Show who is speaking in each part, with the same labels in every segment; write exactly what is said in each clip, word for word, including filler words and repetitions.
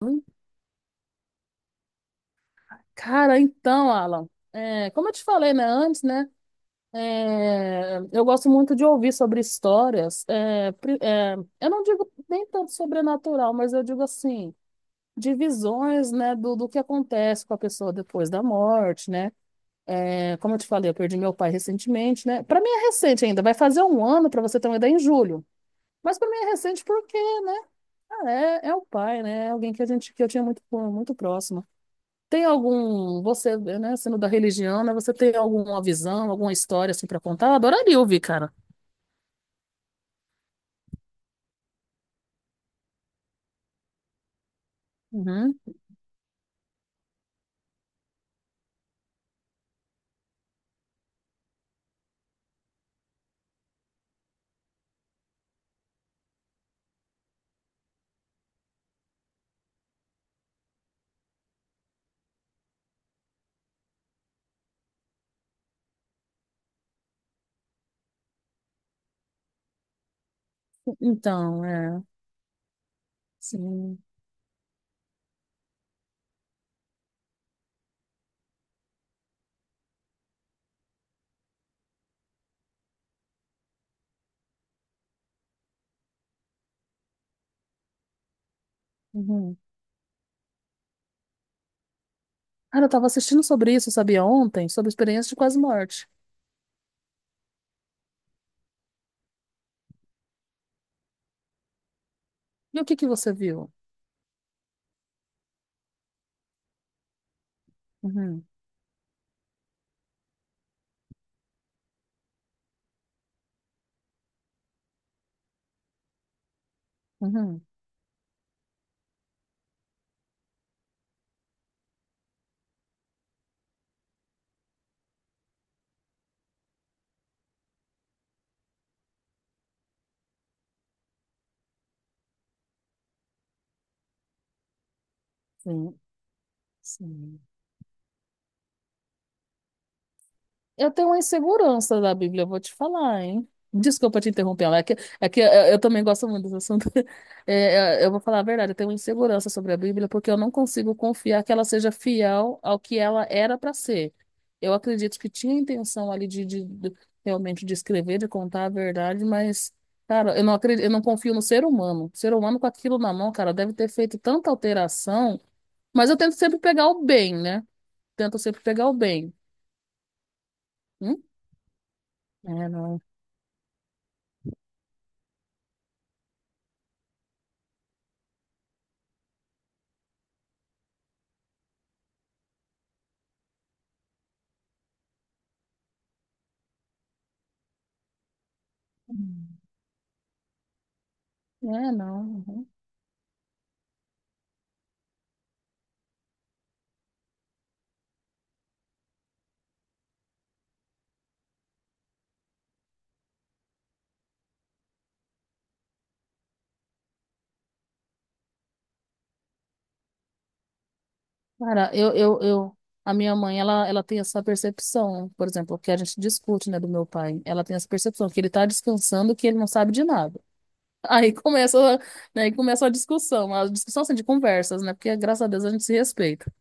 Speaker 1: Hum, Cara, então, Alan, é, como eu te falei, né, antes, né, é, eu gosto muito de ouvir sobre histórias, é, pri- é, eu não digo nem tanto sobrenatural, mas eu digo assim, de visões, né, do, do que acontece com a pessoa depois da morte, né, é, como eu te falei, eu perdi meu pai recentemente, né, para mim é recente ainda, vai fazer um ano, para você ter uma ideia, em julho, mas para mim é recente porque, né, ah, é, é o pai, né, é alguém que a gente, que eu tinha muito, muito próximo. Tem algum, você, né, sendo da religião, né, você tem alguma visão, alguma história assim para contar? Eu adoraria ouvir, cara. Uhum. Então, é, sim. Uhum. Cara, eu tava assistindo sobre isso, sabia, ontem, sobre experiência de quase morte. E o que que você viu? Uhum. Uhum. Sim, sim. Eu tenho uma insegurança da Bíblia, eu vou te falar, hein? Desculpa te interromper, Ela, é que, é que eu, eu também gosto muito desse assunto. É, é, eu vou falar a verdade, eu tenho uma insegurança sobre a Bíblia porque eu não consigo confiar que ela seja fiel ao que ela era para ser. Eu acredito que tinha a intenção ali de, de- de- realmente de escrever, de contar a verdade, mas, cara, eu não acredito, eu não confio no ser humano. O ser humano com aquilo na mão, cara, deve ter feito tanta alteração, mas eu tento sempre pegar o bem, né? Tento sempre pegar o bem. Hum? É, não. É, não. Uhum. Cara, eu, eu, eu, a minha mãe, ela, ela tem essa percepção, por exemplo, que a gente discute, né, do meu pai. Ela tem essa percepção que ele tá descansando, que ele não sabe de nada. Aí começa, né, aí começa a discussão, a discussão assim, de conversas, né, porque graças a Deus a gente se respeita.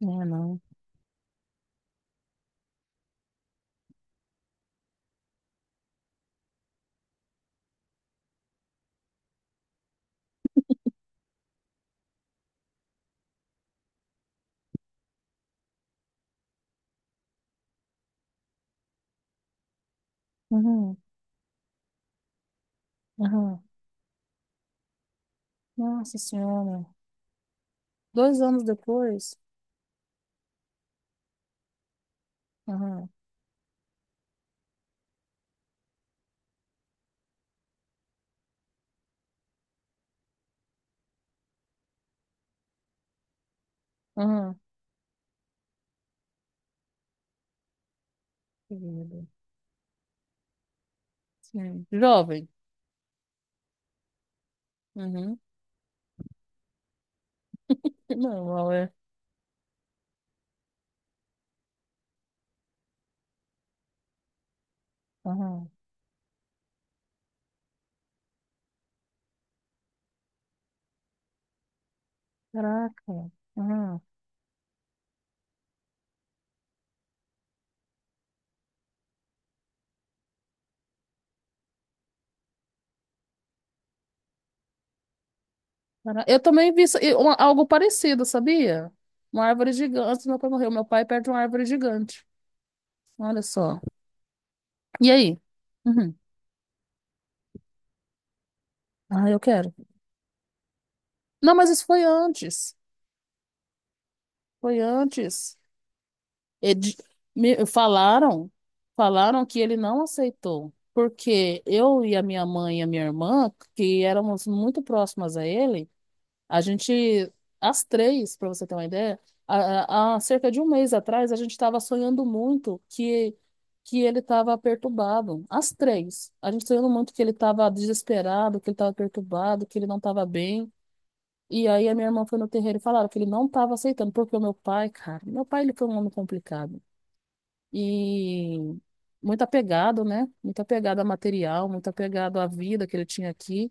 Speaker 1: É, não. Uhum, uhum. Nossa Senhora. Dois anos depois. Uhum, uhum. Que medo. Sim. Jovem. Uhum. Não, é. Uhum. Caraca. Uhum. Cara, eu também vi isso- e uma- algo parecido, sabia? Uma árvore gigante. Antes do meu pai morrer, meu pai perde uma árvore gigante. Olha só. E aí? Uhum. Ah, eu quero. Não, mas isso foi antes. Foi antes. Edi- me- Falaram, falaram que ele não aceitou. Porque eu e a minha mãe e a minha irmã, que éramos muito próximas a ele, a gente, as três, para você ter uma ideia, há, há há cerca de um mês atrás, a gente estava sonhando muito que, que ele estava perturbado. As três. A gente sonhando muito que ele estava desesperado, que ele estava perturbado, que ele não estava bem. E aí a minha irmã foi no terreiro e falaram que ele não estava aceitando, porque o meu pai, cara, meu pai ele foi um homem complicado e muito apegado, né? Muito apegado a material, muito apegado à vida que ele tinha aqui.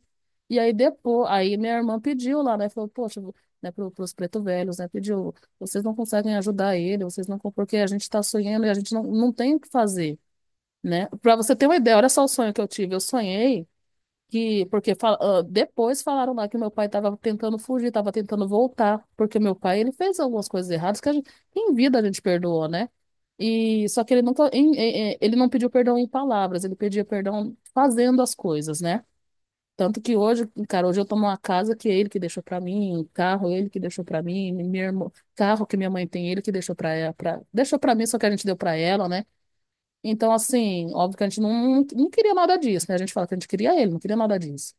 Speaker 1: E aí depois, aí minha irmã pediu lá, né? Falou, poxa, vo- né, para os preto velhos, né? Pediu, vocês não conseguem ajudar ele, vocês não, con- porque a gente está sonhando e a gente não, não tem o que fazer, né? Para você ter uma ideia, olha só o sonho que eu tive. Eu sonhei que porque fala- ah, depois falaram lá que meu pai estava tentando fugir, estava tentando voltar, porque meu pai ele fez algumas coisas erradas que a gente, em vida a gente perdoou, né? E só que ele nunca em- em- em- ele não pediu perdão em palavras, ele pedia perdão fazendo as coisas, né? Tanto que hoje, cara, hoje eu tomo uma casa que é ele que deixou pra mim, carro ele que deixou pra mim, minha irmã, carro que minha mãe tem ele que deixou pra ela, pra, deixou pra mim, só que a gente deu pra ela, né? Então, assim, óbvio que a gente não, não queria nada disso, né? A gente fala que a gente queria ele, não queria nada disso.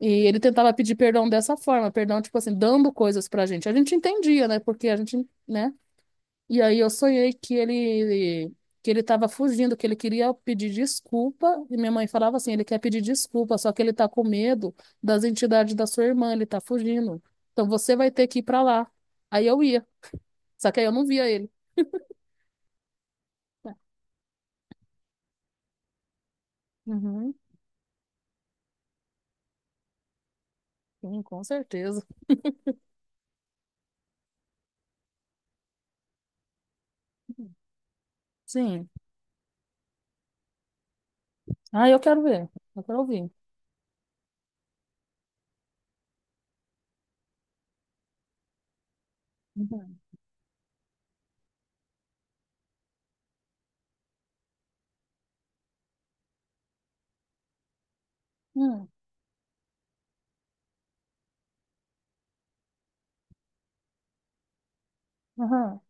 Speaker 1: E ele tentava pedir perdão dessa forma, perdão, tipo assim, dando coisas pra gente. A gente entendia, né? Porque a gente, né? E aí eu sonhei que ele que ele tava fugindo, que ele queria pedir desculpa, e minha mãe falava assim, ele quer pedir desculpa, só que ele tá com medo das entidades da sua irmã, ele tá fugindo. Então você vai ter que ir pra lá. Aí eu ia, só que aí eu não via ele. Uhum, sim, com certeza. Sim. Ah, eu quero ver. Eu quero ouvir. Uhum. Hum, aham,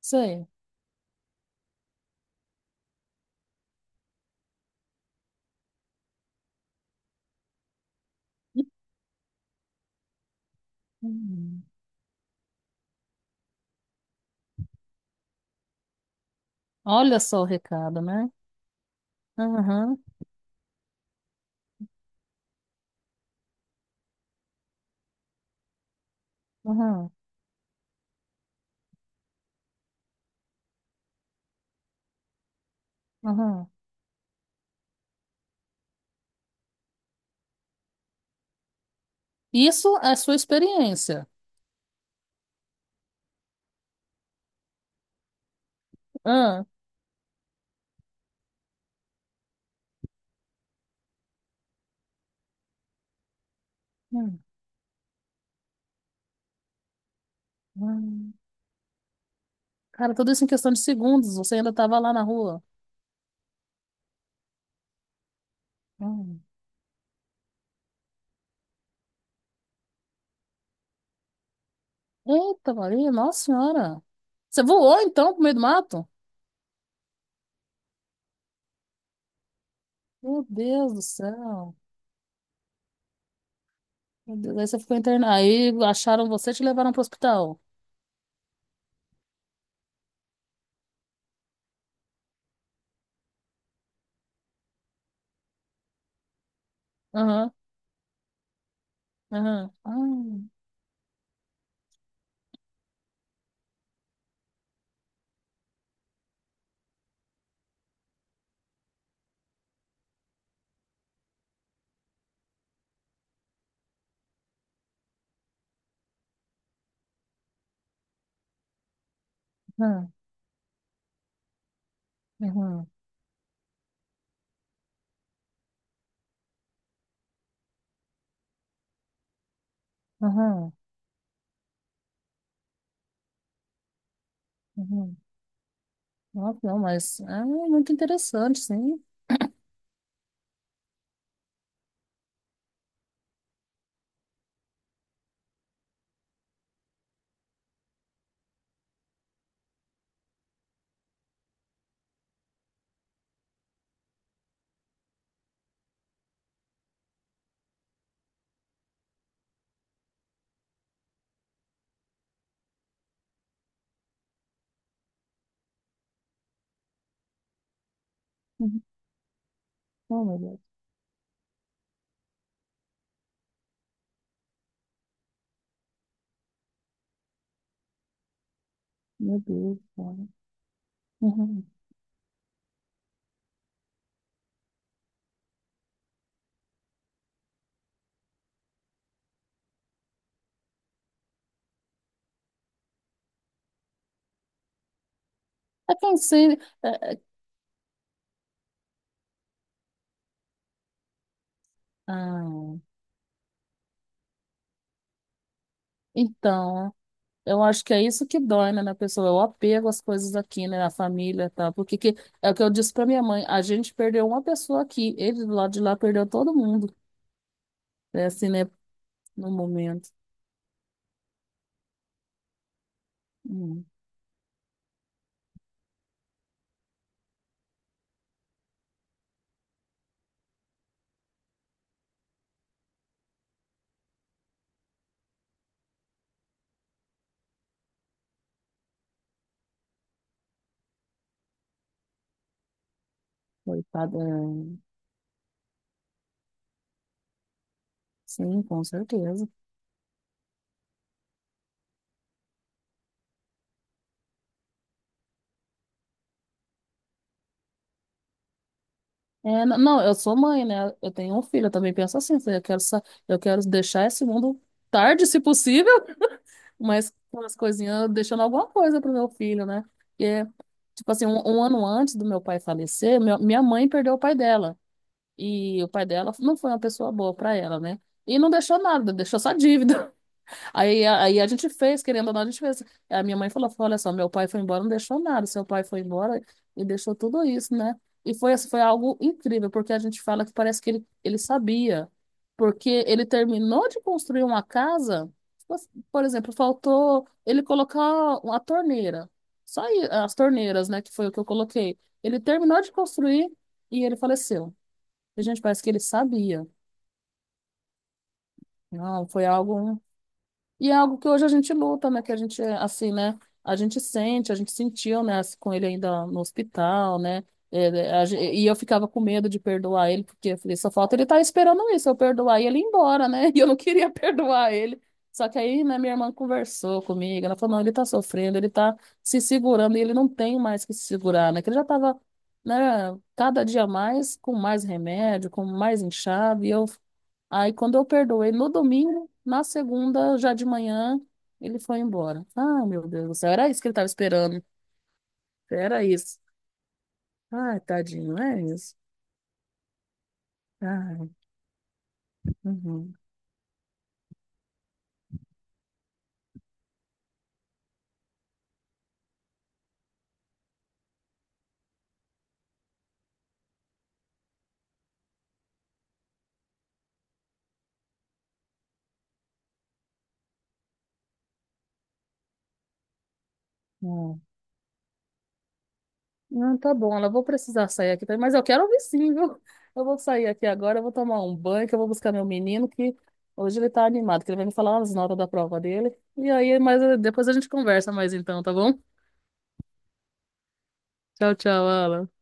Speaker 1: sei. Uhum. Olha só o recado, né? Aham, aham, aham. Isso é sua experiência. Ah, hum, hum. Cara, tudo isso em questão de segundos. Você ainda estava lá na rua. Hum. Eita, Maria, Nossa Senhora. Você voou então pro meio do mato? Meu Deus do céu. Meu Deus, aí você ficou internado. Aí acharam você e te levaram pro hospital. Aham, aham. Ah, aham, aham, aham. Aham. Nossa, não, mas é muito interessante, sim. Uhum. Oh, meu Deus. Meu Deus, cara. Uhum. É que em si, é- é- ah, então, eu acho que é isso que dói, né, na pessoa, é o apego às coisas aqui, né, na família, e tal. Porque que, é o que eu disse pra minha mãe, a gente perdeu uma pessoa aqui, ele do lado de lá perdeu todo mundo, é assim, né, no momento. Hum, coitada, é, sim, com certeza. É, n- não, eu sou mãe, né, eu tenho um filho, eu também penso assim, eu quero, sa- eu quero deixar esse mundo tarde, se possível, mas com as coisinhas, deixando alguma coisa pro meu filho, né? Porque, tipo assim, um, um ano antes do meu pai falecer, meu- minha mãe perdeu o pai dela. E o pai dela não foi uma pessoa boa para ela, né? E não deixou nada, deixou só dívida. Aí, a- aí a gente fez, querendo ou não, a gente fez. A minha mãe falou, falou, olha só, meu pai foi embora, não deixou nada. Seu pai foi embora e deixou tudo isso, né? E foi, assim, foi algo incrível, porque a gente fala que parece que ele, ele sabia. Porque ele terminou de construir uma casa, mas, por exemplo, faltou ele colocar uma torneira. Só aí, as torneiras, né, que foi o que eu coloquei. Ele terminou de construir e ele faleceu. E, gente, parece que ele sabia. Não, foi algo. E é algo que hoje a gente luta, né? Que a gente, assim, né? A gente sente, a gente sentiu, né? Assim, com ele ainda no hospital, né? é, é, a gen- E eu ficava com medo de perdoar ele, porque eu falei, só falta ele estar esperando isso, eu perdoar e ele ir embora, né? E eu não queria perdoar ele. Só que aí, né, minha irmã conversou comigo, ela falou, não, ele tá sofrendo, ele tá se segurando e ele não tem mais que se segurar, né? Que ele já tava, né, cada dia mais com mais remédio, com mais inchado, e eu. Aí, quando eu perdoei, no domingo, na segunda, já de manhã, ele foi embora. Ah, meu Deus do céu, era isso que ele estava esperando. Era isso. Ai, tadinho, é isso. Ai, uhum, uhum. Não, tá bom, ela vou precisar sair aqui, também, mas eu quero ouvir sim, viu? Eu vou sair aqui agora, eu vou tomar um banho, que eu vou buscar meu menino, que hoje ele tá animado, que ele vai me falar as notas da prova dele. E aí, mas eh, depois a gente conversa mais então, tá bom? Tchau, tchau, Alan.